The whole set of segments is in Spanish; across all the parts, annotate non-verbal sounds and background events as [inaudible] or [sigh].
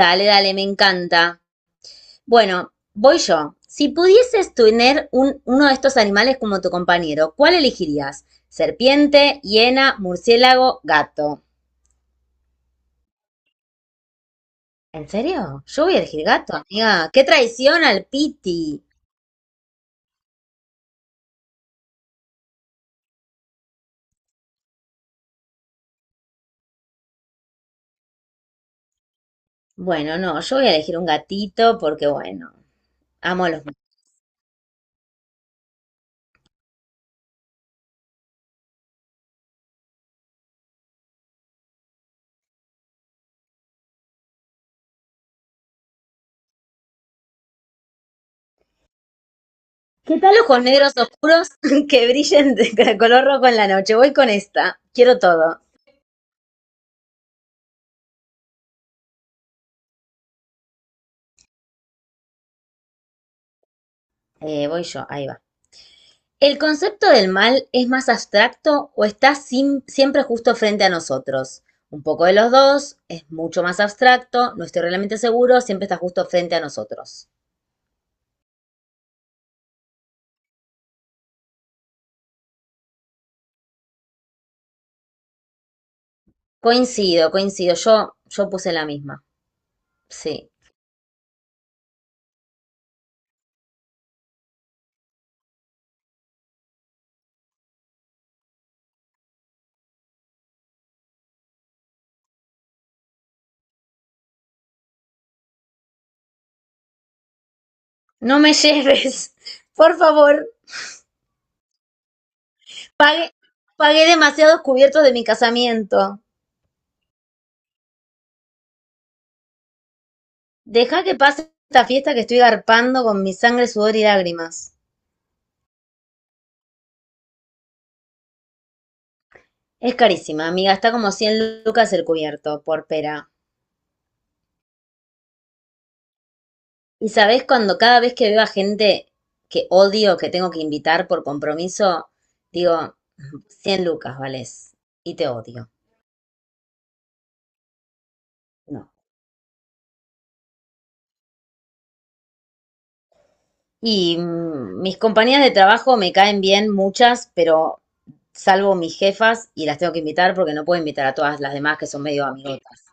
Dale, dale, me encanta. Bueno, voy yo. Si pudieses tener uno de estos animales como tu compañero, ¿cuál elegirías? Serpiente, hiena, murciélago, gato. ¿En serio? Yo voy a elegir gato, amiga. ¡Qué traición al Piti! Bueno, no, yo voy a elegir un gatito porque, bueno, amo a los... ¿Qué tal ojos negros oscuros [laughs] que brillen de color rojo en la noche? Voy con esta. Quiero todo. Voy yo, ahí va. ¿El concepto del mal es más abstracto o está siempre justo frente a nosotros? Un poco de los dos, es mucho más abstracto, no estoy realmente seguro, siempre está justo frente a nosotros. Coincido, coincido, yo puse la misma, sí. No me lleves, [laughs] por favor, pagué, pagué demasiados cubiertos de mi casamiento. Deja que pase esta fiesta que estoy garpando con mi sangre, sudor y lágrimas. Es carísima, amiga, está como 100 lucas el cubierto, por pera. Y sabes, cuando cada vez que veo a gente que odio, que tengo que invitar por compromiso, digo, 100 lucas, vales, y te odio. No. Y mis compañías de trabajo me caen bien muchas, pero salvo mis jefas y las tengo que invitar porque no puedo invitar a todas las demás que son medio amigotas.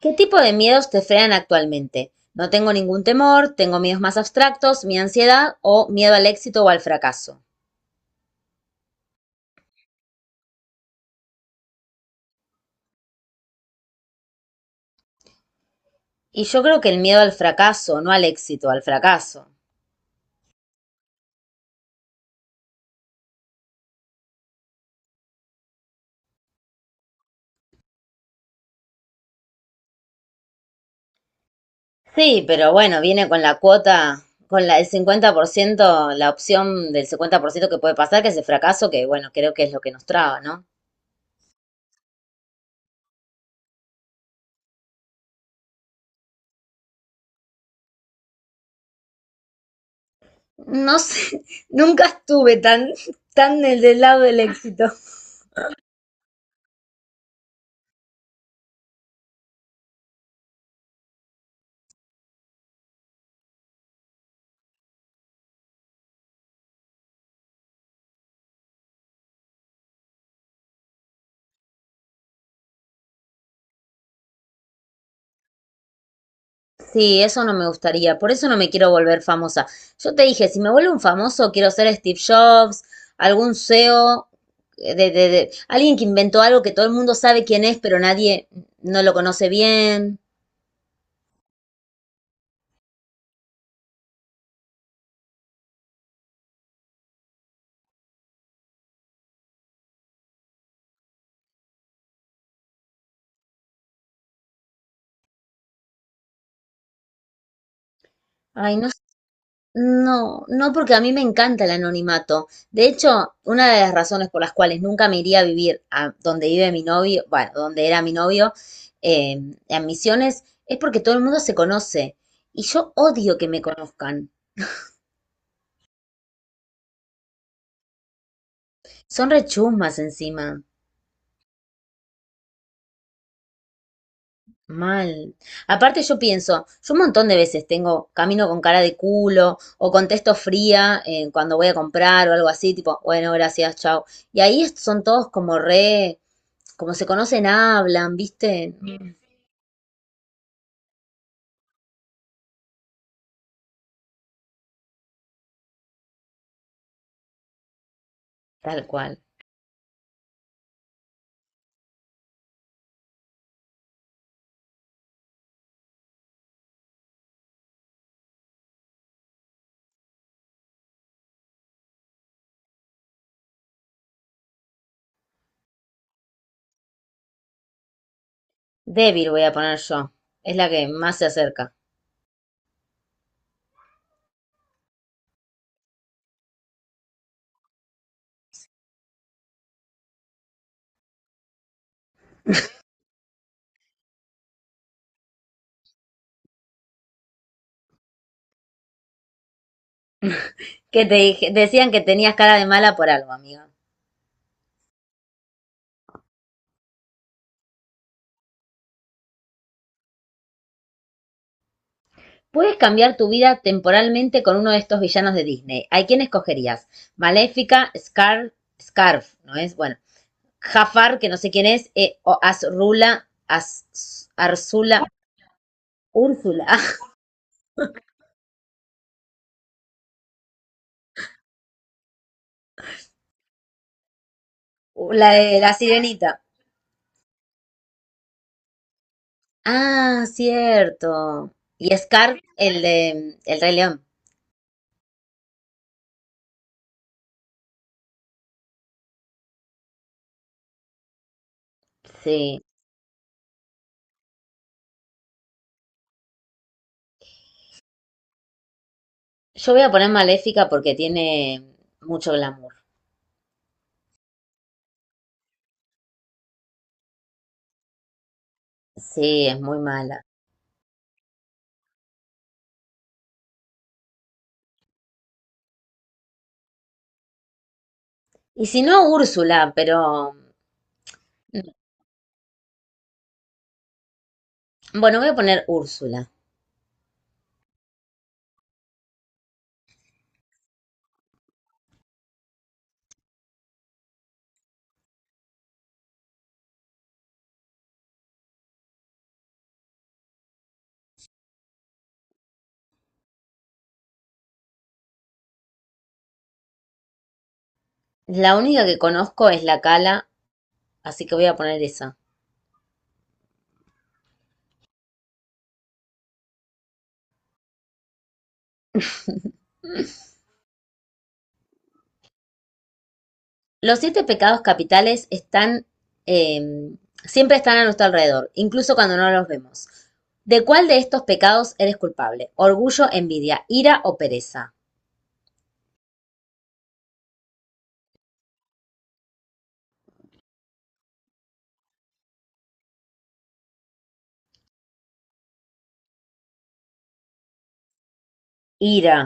¿Qué tipo de miedos te frenan actualmente? No tengo ningún temor, tengo miedos más abstractos, mi ansiedad o miedo al éxito o al fracaso. Y yo creo que el miedo al fracaso, no al éxito, al fracaso. Sí, pero bueno, viene con la cuota, con la, el 50%, la opción del 50% que puede pasar, que es el fracaso, que bueno, creo que es lo que nos traba, ¿no? No sé, [laughs] nunca estuve tan, tan del lado del éxito. Sí, eso no me gustaría, por eso no me quiero volver famosa. Yo te dije, si me vuelvo un famoso, quiero ser Steve Jobs, algún CEO, alguien que inventó algo que todo el mundo sabe quién es, pero nadie no lo conoce bien. Ay, no. No, no porque a mí me encanta el anonimato. De hecho, una de las razones por las cuales nunca me iría a vivir a donde vive mi novio, bueno, donde era mi novio, eh, en Misiones, es porque todo el mundo se conoce. Y yo odio que me conozcan. Son rechusmas encima. Mal. Aparte yo pienso, yo un montón de veces tengo, camino con cara de culo o contesto fría cuando voy a comprar o algo así, tipo, bueno, gracias, chao. Y ahí son todos como re, como se conocen, hablan, ¿viste? Mm, tal cual. Débil voy a poner yo. Es la que más se acerca. Que decían que tenías cara de mala por algo, amiga. Puedes cambiar tu vida temporalmente con uno de estos villanos de Disney. ¿A quién escogerías? Maléfica, Scarf, ¿no es? Bueno. Jafar, que no sé quién es, o Arzula, Úrsula, [laughs] ah, la de la sirenita. Ah, cierto. Y Scar, el de El Rey León. Sí. Yo voy a poner Maléfica porque tiene mucho glamour. Sí, es muy mala. Y si no, Úrsula, pero... Mm, bueno, voy a poner Úrsula. La única que conozco es la Cala, así que voy a poner esa. Los 7 pecados capitales están, eh, siempre están a nuestro alrededor, incluso cuando no los vemos. ¿De cuál de estos pecados eres culpable? Orgullo, envidia, ira o pereza. Ira,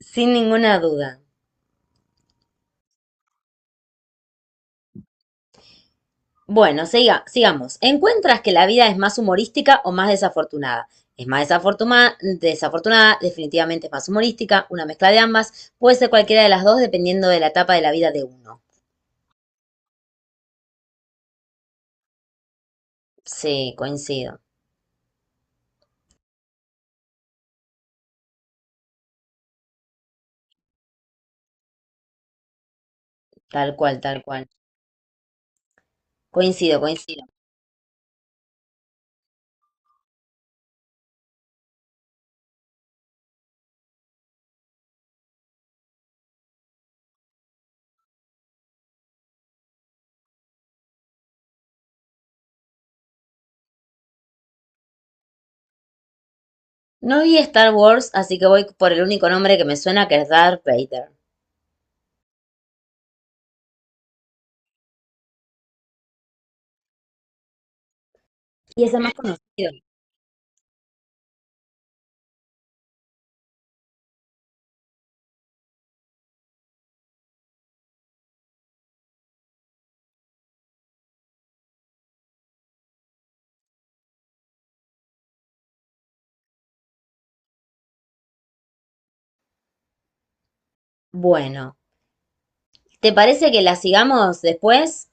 sin ninguna duda. Bueno, sigamos. ¿Encuentras que la vida es más humorística o más desafortunada? Es más desafortunada, definitivamente es más humorística, una mezcla de ambas, puede ser cualquiera de las dos dependiendo de la etapa de la vida de uno. Sí, coincido, tal cual, tal cual. Coincido, coincido. No vi Star Wars, así que voy por el único nombre que me suena, que es Darth Vader. Y es el más conocido. Bueno, ¿te parece que la sigamos después?